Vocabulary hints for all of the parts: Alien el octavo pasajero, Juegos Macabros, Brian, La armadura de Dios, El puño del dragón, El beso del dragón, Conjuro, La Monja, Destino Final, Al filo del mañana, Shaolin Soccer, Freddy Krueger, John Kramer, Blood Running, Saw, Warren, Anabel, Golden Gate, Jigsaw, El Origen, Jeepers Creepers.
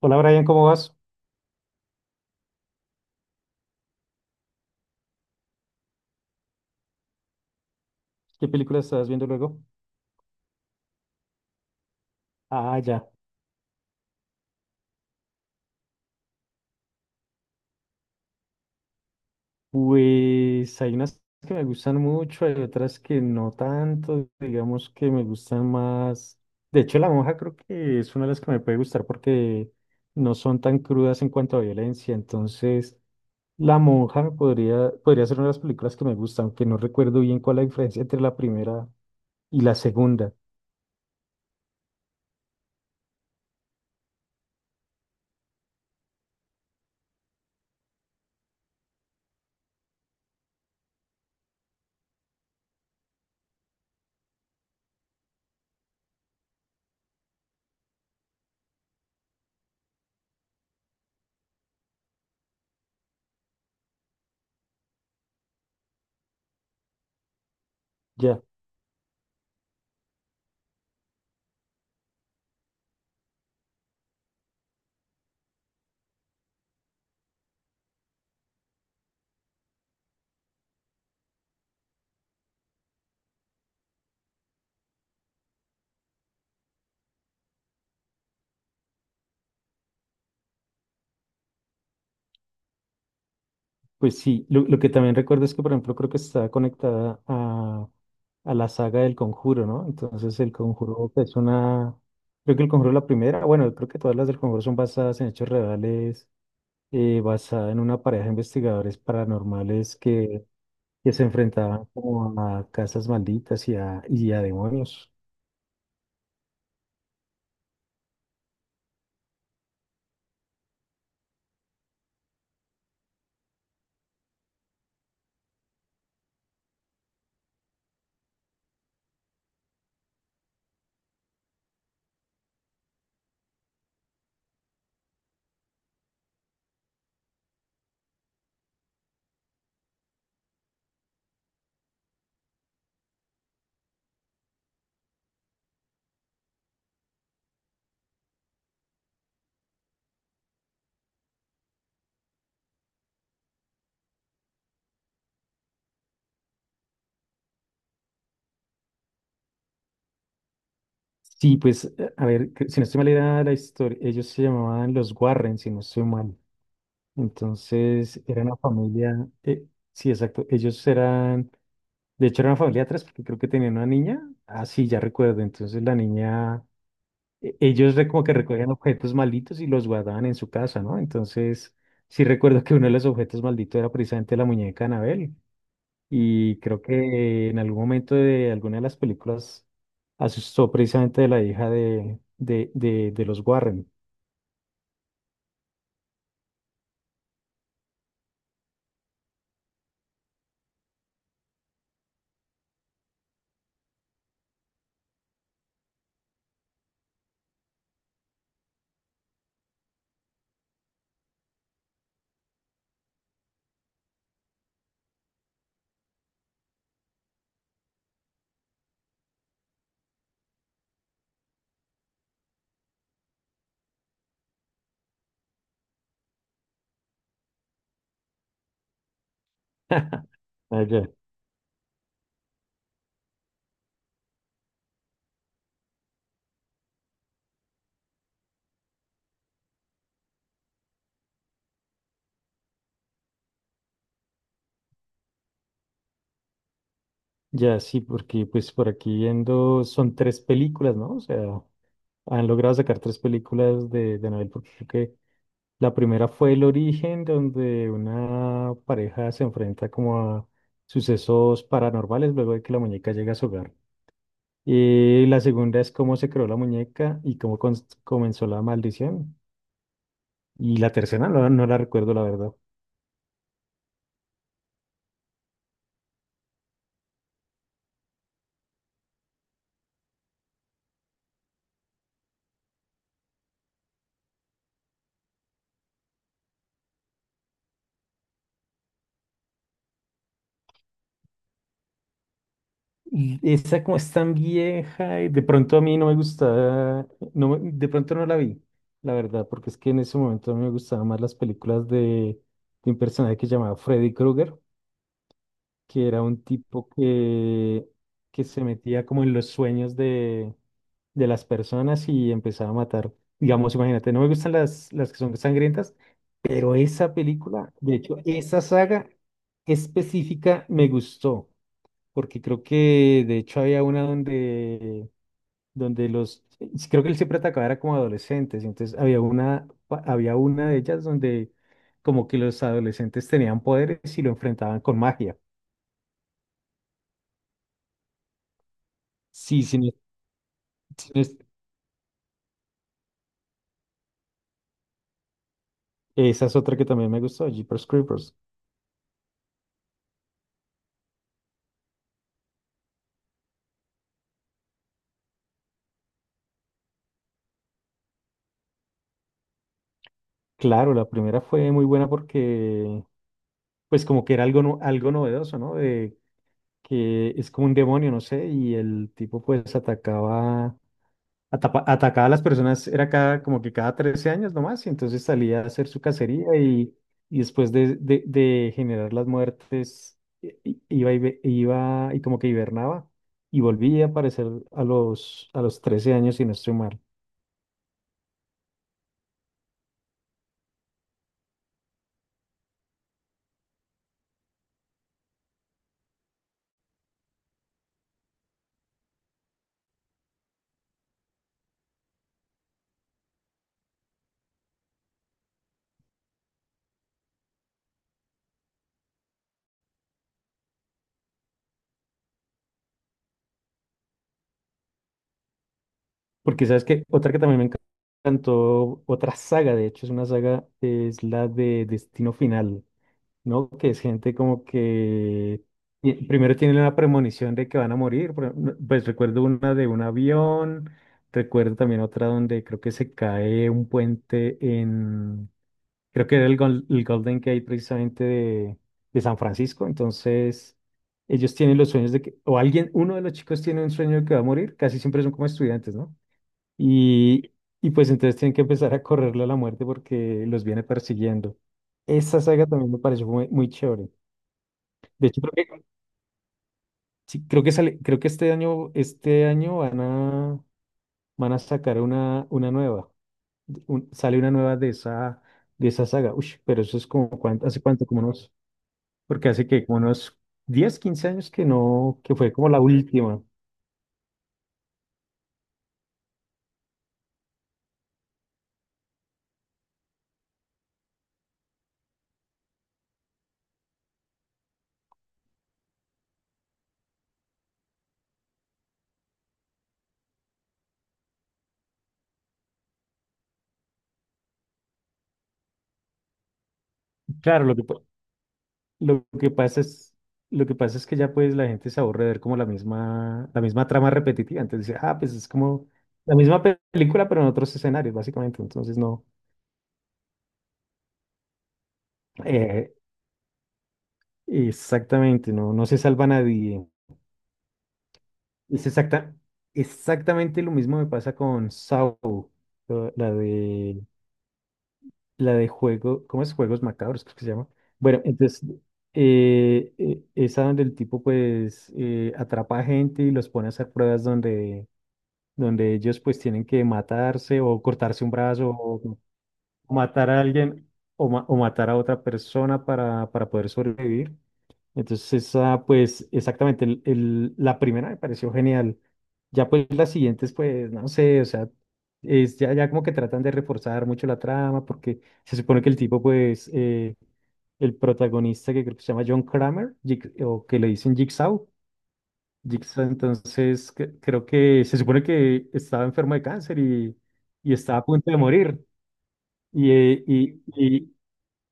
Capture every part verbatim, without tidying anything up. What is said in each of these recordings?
Hola Brian, ¿cómo vas? ¿Qué película estás viendo luego? Ah, ya. Pues hay unas que me gustan mucho, hay otras que no tanto, digamos que me gustan más. De hecho, La Monja creo que es una de las que me puede gustar porque no son tan crudas en cuanto a violencia. Entonces, La Monja me podría, podría ser una de las películas que me gustan, aunque no recuerdo bien cuál es la diferencia entre la primera y la segunda. Ya. Pues sí, lo, lo que también recuerdo es que, por ejemplo, creo que está conectada a, a la saga del Conjuro, ¿no? Entonces, el Conjuro pues, es una. Creo que el Conjuro, es la primera, bueno, creo que todas las del Conjuro son basadas en hechos reales, eh, basada en una pareja de investigadores paranormales que, que se enfrentaban como a casas malditas y a, y a demonios. Sí, pues, eh, a ver, que- si no estoy mal, era la historia. Ellos se llamaban los Warren, si no estoy mal. Entonces era una familia, eh, sí, exacto, ellos eran, de hecho era una familia de tres, porque creo que tenían una niña. Ah, sí, ya recuerdo. Entonces la niña, e- ellos re- como que recogían objetos malditos y los guardaban en su casa, ¿no? Entonces sí recuerdo que uno de los objetos malditos era precisamente la muñeca Anabel, y creo que en algún momento de alguna de las películas asustó precisamente de la hija de, de, de, de los Warren. Ah, ya. Ya, sí, porque pues por aquí viendo son tres películas, ¿no? O sea, han logrado sacar tres películas de, de Anabel, porque creo que la primera fue El Origen, donde una pareja se enfrenta como a sucesos paranormales luego de que la muñeca llega a su hogar. Y la segunda es cómo se creó la muñeca y cómo cons- comenzó la maldición. Y la tercera no, no la recuerdo, la verdad. Y esa como es tan vieja, y de pronto a mí no me gustaba. No, me- de pronto no la vi, la verdad, porque es que en ese momento a mí me gustaban más las películas de, de un personaje que se llamaba Freddy Krueger, que era un tipo que, que se metía como en los sueños de, de las personas y empezaba a matar. Digamos, imagínate, no me gustan las, las que son sangrientas, pero esa película, de hecho, esa saga específica me gustó porque creo que de hecho había una donde, donde los, sí, creo que él siempre atacaba era como adolescentes, y entonces había una, pa- había una de ellas donde como que los adolescentes tenían poderes y lo enfrentaban con magia. Sí, sí, me- sí me- esa es otra que también me gustó, Jeepers Creepers. Claro, la primera fue muy buena porque pues como que era algo, no- algo novedoso, ¿no? De que es como un demonio, no sé, y el tipo pues atacaba atapa- atacaba a las personas, era cada, como que cada trece años nomás, y entonces salía a hacer su cacería y, y después de, de- de generar las muertes, i- i- iba y, ve- iba y como que hibernaba y volvía a aparecer a los, a los trece años, si no estoy mal. Porque sabes que otra que también me enca- encantó, otra saga, de hecho, es una saga, es la de Destino Final, ¿no? Que es gente como que ti- primero tienen la premonición de que van a morir. Por ejemplo, pues recuerdo una de un avión, recuerdo también otra donde creo que se cae un puente en, creo que era el, Gol- el Golden Gate, precisamente de, de San Francisco. Entonces, ellos tienen los sueños de que, o alguien, uno de los chicos tiene un sueño de que va a morir, casi siempre son como estudiantes, ¿no? Y, y pues entonces tienen que empezar a correrle a la muerte porque los viene persiguiendo. Esa saga también me pareció muy, muy chévere. De hecho, creo que, sí, creo que sale, creo que este año, este año van a, van a sacar una, una nueva. Un- sale una nueva de esa, de esa saga. Uy, pero eso es como cuánto, hace cuánto, como unos, porque hace que como unos diez quince años que no, que fue como la última. Claro, lo que, pa- Lo que pasa es, lo que pasa es que ya pues la gente se aburre de ver como la misma, la misma trama repetitiva. Entonces dice, ah, pues es como la misma pe- película, pero en otros escenarios, básicamente. Entonces no, eh, exactamente, no, no se salva nadie. Es exacta, exactamente lo mismo me pasa con Saw, la la de, la de juego, ¿cómo es? Juegos Macabros, creo que se llama. Bueno, entonces eh, eh, esa donde el tipo pues eh, atrapa a gente y los pone a hacer pruebas donde donde ellos pues tienen que matarse o cortarse un brazo o matar a alguien o, ma- o matar a otra persona para, para poder sobrevivir. Entonces esa pues exactamente el- el- la primera me pareció genial. Ya pues las siguientes pues no sé, o sea, es ya, ya como que tratan de reforzar mucho la trama porque se supone que el tipo pues eh, el protagonista que creo que se llama John Kramer Jig- o que le dicen Jigsaw. Jigsaw, entonces cre- creo que se supone que estaba enfermo de cáncer y, y estaba a punto de morir. Y, eh, y, y,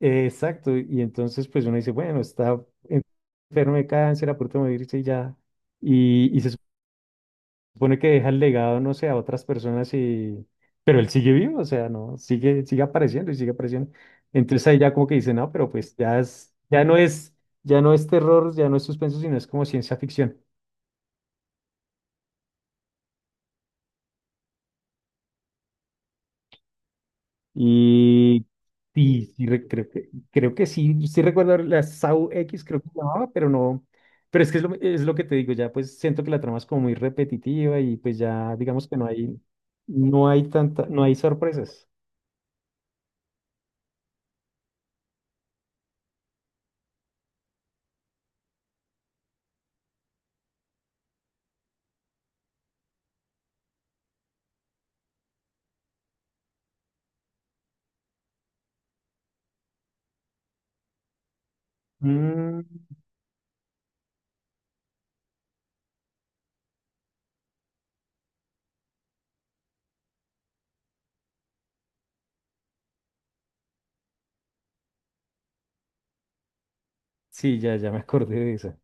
eh, exacto, y entonces pues uno dice, bueno, está enfermo de cáncer, a punto de morirse y ya. Y, y se supone que deja el legado, no sé, a otras personas y... Pero él sigue vivo, o sea, no, sigue, sigue apareciendo y sigue apareciendo. Entonces ahí ya como que dice, no, pero pues ya es, ya no es, ya no es terror, ya no es suspenso, sino es como ciencia ficción. Y sí, sí, re- creo que, creo que sí, sí recuerdo la SAU X, creo que se llamaba, pero no. Pero es que es lo, es lo que te digo, ya pues siento que la trama es como muy repetitiva y pues ya digamos que no hay, no hay tanta, no hay sorpresas. Mm, sí, ya, ya me acordé de esa.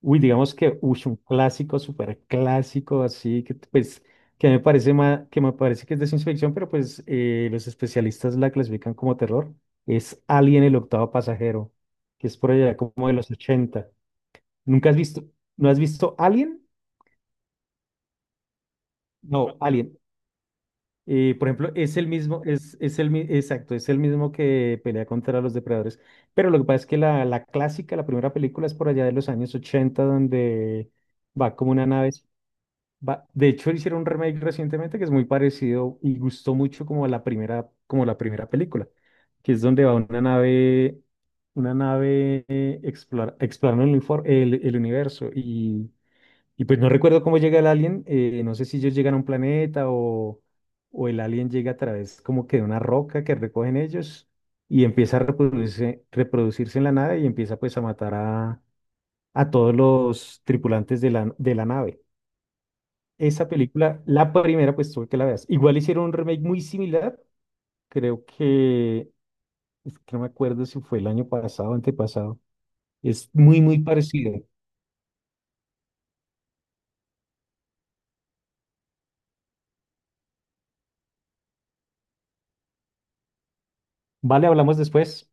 Uy, digamos que uy, un clásico, súper clásico, así que pues que me parece ma- que me parece que es de ciencia ficción, pero pues eh, los especialistas la clasifican como terror. Es Alien el octavo pasajero, que es por allá como de los ochenta. ¿Nunca has visto, no has visto Alien? No, Alien. Eh, por ejemplo, es el mismo, es, es el, mi- exacto, es el mismo que pelea contra los depredadores. Pero lo que pasa es que la, la clásica, la primera película es por allá de los años ochenta donde va como una nave. Va- De hecho, hicieron un remake recientemente que es muy parecido y gustó mucho como la primera, como la primera película, que es donde va una nave, una nave eh, explora- explorando el, infor- el, el universo. Y, y pues no recuerdo cómo llega el alien, eh, no sé si ellos llegan a un planeta, o, o el alien llega a través como que de una roca que recogen ellos y empieza a reproducirse, reproducirse en la nave y empieza pues a matar a, a todos los tripulantes de la, de la nave. Esa película, la primera, pues tuve que la veas. Igual hicieron un remake muy similar, creo que, es que no me acuerdo si fue el año pasado o antepasado. Es muy, muy parecido. Vale, hablamos después.